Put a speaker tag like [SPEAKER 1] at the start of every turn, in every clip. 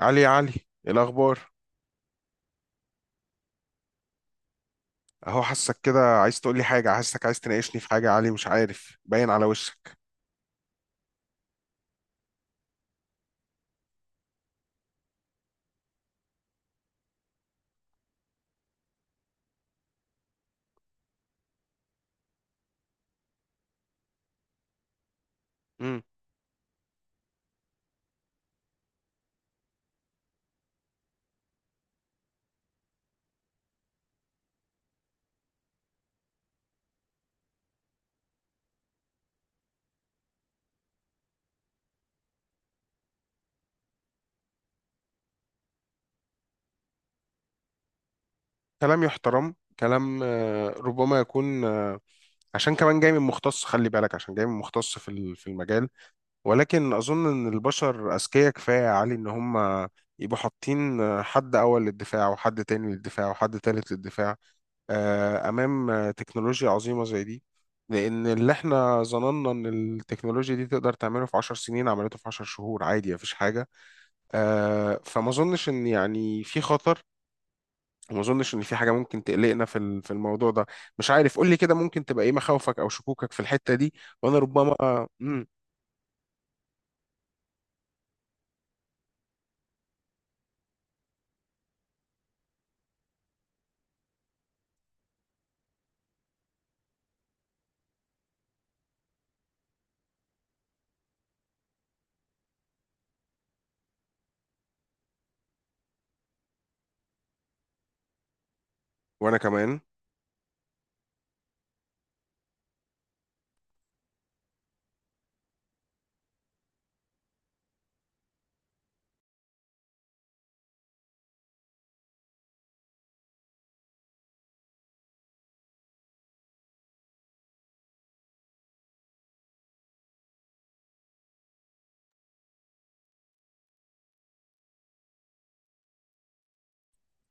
[SPEAKER 1] علي، يا علي، إيه الاخبار؟ اهو، حاسك كده عايز تقول لي حاجه، حاسك عايز تناقشني في حاجه يا علي، مش عارف، باين على وشك. امم. كلام يحترم. كلام ربما يكون عشان كمان جاي من مختص، خلي بالك، عشان جاي من مختص في المجال. ولكن اظن ان البشر اذكياء كفايه يا علي، ان هم يبقوا حاطين حد اول للدفاع وحد تاني للدفاع وحد تالت للدفاع، امام تكنولوجيا عظيمه زي دي. لان اللي احنا ظننا ان التكنولوجيا دي تقدر تعمله في 10 سنين، عملته في 10 شهور، عادي، مفيش حاجه. فما اظنش ان يعني في خطر، وما اظنش ان في حاجه ممكن تقلقنا في الموضوع ده. مش عارف، قول لي كده، ممكن تبقى ايه مخاوفك او شكوكك في الحته دي، وانا ربما... مم. وانا كمان.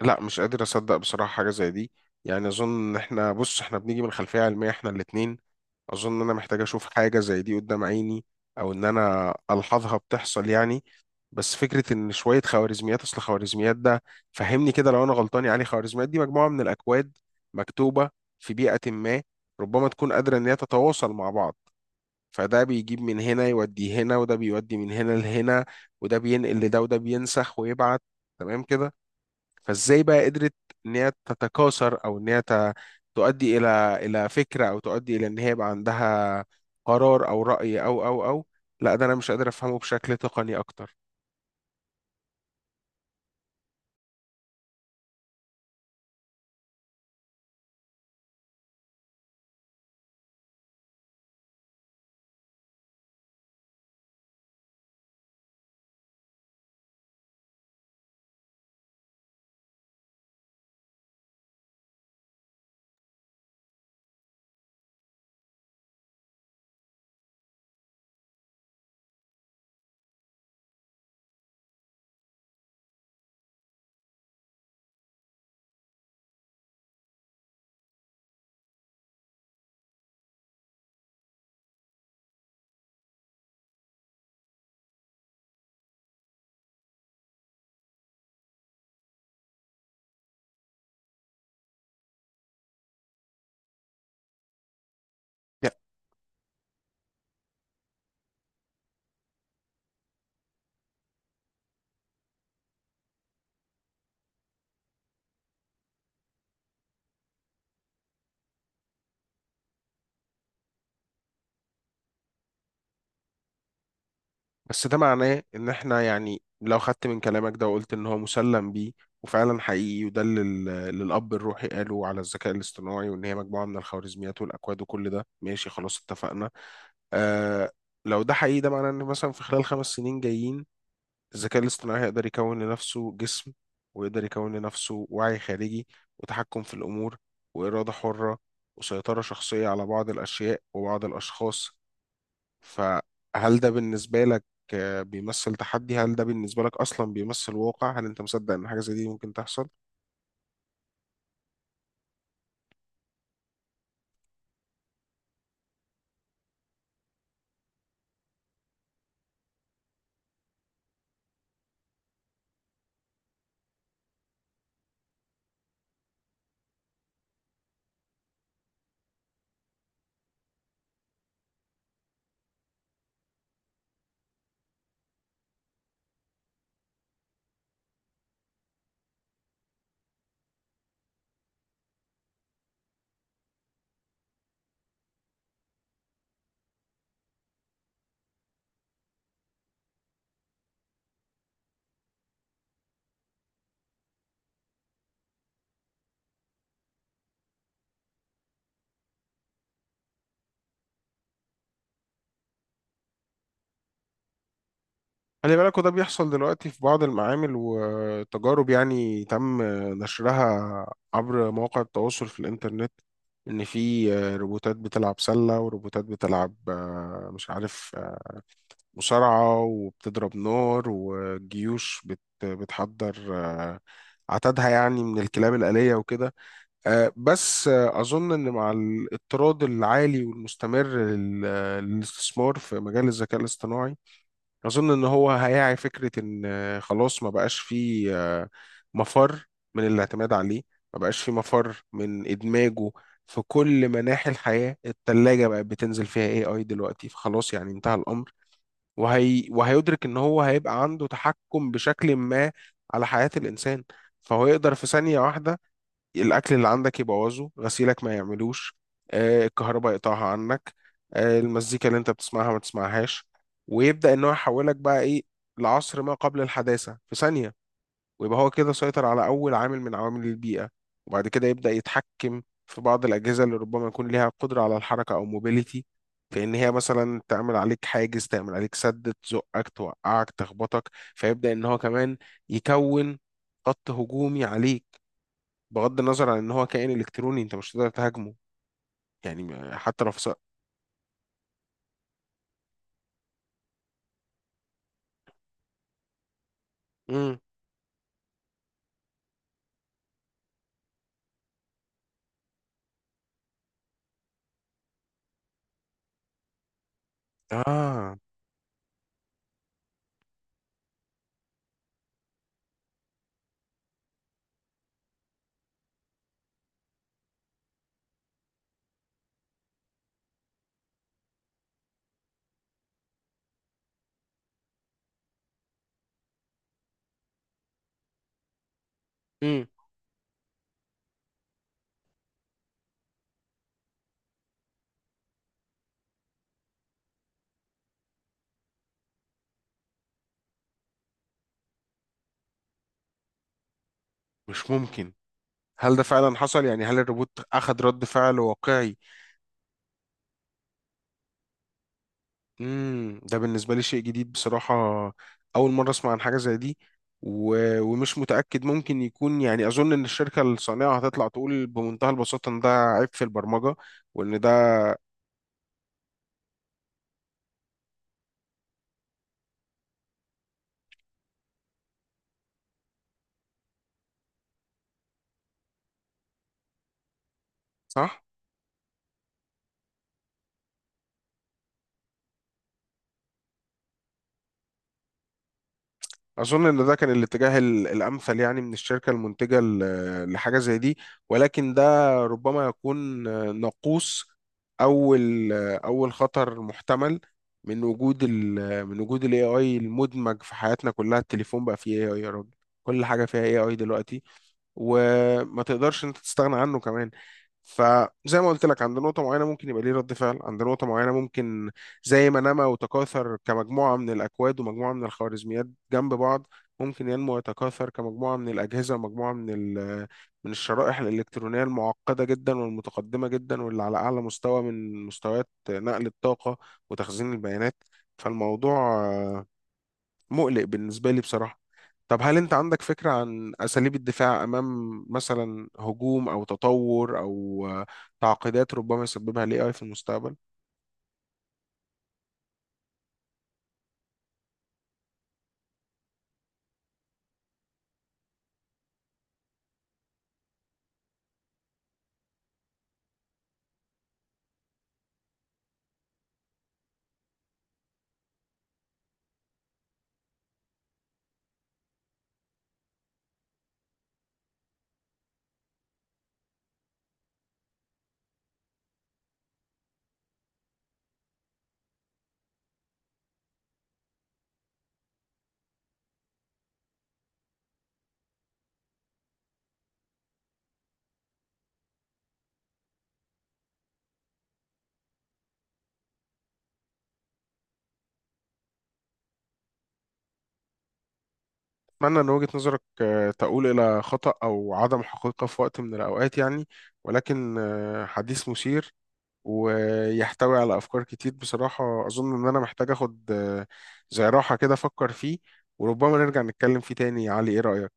[SPEAKER 1] لا، مش قادر اصدق بصراحه حاجه زي دي. يعني اظن ان احنا، بص، احنا بنيجي من خلفيه علميه احنا الاتنين. اظن ان انا محتاج اشوف حاجه زي دي قدام عيني، او ان انا الحظها بتحصل يعني. بس فكره ان شويه خوارزميات، اصل خوارزميات ده، فهمني كده لو انا غلطان يا علي، خوارزميات دي مجموعه من الاكواد مكتوبه في بيئه ما، ربما تكون قادره ان هي تتواصل مع بعض. فده بيجيب من هنا يودي هنا، وده بيودي من هنا لهنا، وده بينقل لده، وده بينسخ ويبعت، تمام كده. فازاي بقى قدرت ان هي تتكاثر، او ان هي تؤدي الى فكره، او تؤدي الى ان هي يبقى عندها قرار او راي او... لا، ده انا مش قادر افهمه بشكل تقني اكتر. لا، بس ده معناه ان احنا يعني لو خدت من كلامك ده وقلت ان هو مسلم بيه وفعلا حقيقي، وده اللي الاب الروحي قاله على الذكاء الاصطناعي، وان هي مجموعه من الخوارزميات والاكواد، وكل ده ماشي، خلاص اتفقنا. آه. لو ده حقيقي، ده معناه ان مثلا في خلال خمس سنين جايين، الذكاء الاصطناعي هيقدر يكون لنفسه جسم، ويقدر يكون لنفسه وعي خارجي، وتحكم في الأمور، وإرادة حرة، وسيطرة شخصية على بعض الأشياء وبعض الأشخاص. فهل ده بالنسبة لك بيمثل تحدي؟ هل ده بالنسبة لك أصلا بيمثل واقع؟ هل أنت مصدق إن حاجة زي دي ممكن تحصل؟ خلي بالك، وده بيحصل دلوقتي في بعض المعامل وتجارب يعني تم نشرها عبر مواقع التواصل في الإنترنت، إن في روبوتات بتلعب سلة، وروبوتات بتلعب مش عارف مصارعة، وبتضرب نار، وجيوش بتحضر عتادها يعني من الكلاب الآلية وكده. بس أظن إن مع الاضطراد العالي والمستمر للاستثمار في مجال الذكاء الاصطناعي، أظن إن هو هيعي فكرة إن خلاص ما بقاش فيه مفر من الاعتماد عليه، ما بقاش فيه مفر من إدماجه في كل مناحي الحياة. التلاجة بقت بتنزل فيها AI دلوقتي، فخلاص يعني انتهى الأمر. وهيدرك إن هو هيبقى عنده تحكم بشكل ما على حياة الإنسان. فهو يقدر في ثانية واحدة، الاكل اللي عندك يبوظه، غسيلك ما يعملوش، الكهرباء يقطعها عنك، المزيكا اللي انت بتسمعها ما تسمعهاش. ويبدا ان هو يحولك بقى ايه، لعصر ما قبل الحداثه في ثانيه. ويبقى هو كده سيطر على اول عامل من عوامل البيئه، وبعد كده يبدا يتحكم في بعض الاجهزه اللي ربما يكون ليها قدره على الحركه او موبيليتي، في ان هي مثلا تعمل عليك حاجز، تعمل عليك سد، تزقك، توقعك، تخبطك. فيبدا ان هو كمان يكون خط هجومي عليك، بغض النظر عن ان هو كائن الكتروني انت مش هتقدر تهاجمه. يعني حتى لو فصل. امم. اه. امم. مش ممكن! هل ده فعلا حصل؟ يعني هل الروبوت اخذ رد فعل واقعي؟ امم، ده بالنسبه لي شيء جديد بصراحه. اول مره اسمع عن حاجه زي دي. و... ومش متاكد، ممكن يكون يعني اظن ان الشركه الصانعه هتطلع تقول بمنتهى البساطه ان ده عيب في البرمجه، وان ده... صح. أظن إن ده كان الاتجاه الأمثل يعني من الشركة المنتجة لحاجة زي دي. ولكن ده ربما يكون ناقوس، أول أول خطر محتمل من وجود ال AI المدمج في حياتنا كلها. التليفون بقى فيه AI يا راجل، كل حاجة فيها AI دلوقتي، وما تقدرش أنت تستغنى عنه كمان. فزي ما قلت لك، عند نقطة معينة ممكن يبقى ليه رد فعل، عند نقطة معينة ممكن، زي ما نما وتكاثر كمجموعة من الأكواد ومجموعة من الخوارزميات جنب بعض، ممكن ينمو ويتكاثر كمجموعة من الأجهزة ومجموعة من ال- من الشرائح الإلكترونية المعقدة جدا والمتقدمة جدا واللي على أعلى مستوى من مستويات نقل الطاقة وتخزين البيانات. فالموضوع مقلق بالنسبة لي بصراحة. طب هل أنت عندك فكرة عن أساليب الدفاع أمام مثلا هجوم أو تطور أو تعقيدات ربما يسببها ال AI في المستقبل؟ أتمنى إن وجهة نظرك تقول إلى خطأ أو عدم حقيقة في وقت من الأوقات يعني. ولكن حديث مثير ويحتوي على أفكار كتير بصراحة، أظن إن أنا محتاج أخد زي راحة كده أفكر فيه، وربما نرجع نتكلم فيه تاني يا علي، إيه رأيك؟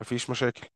[SPEAKER 1] مفيش مشاكل.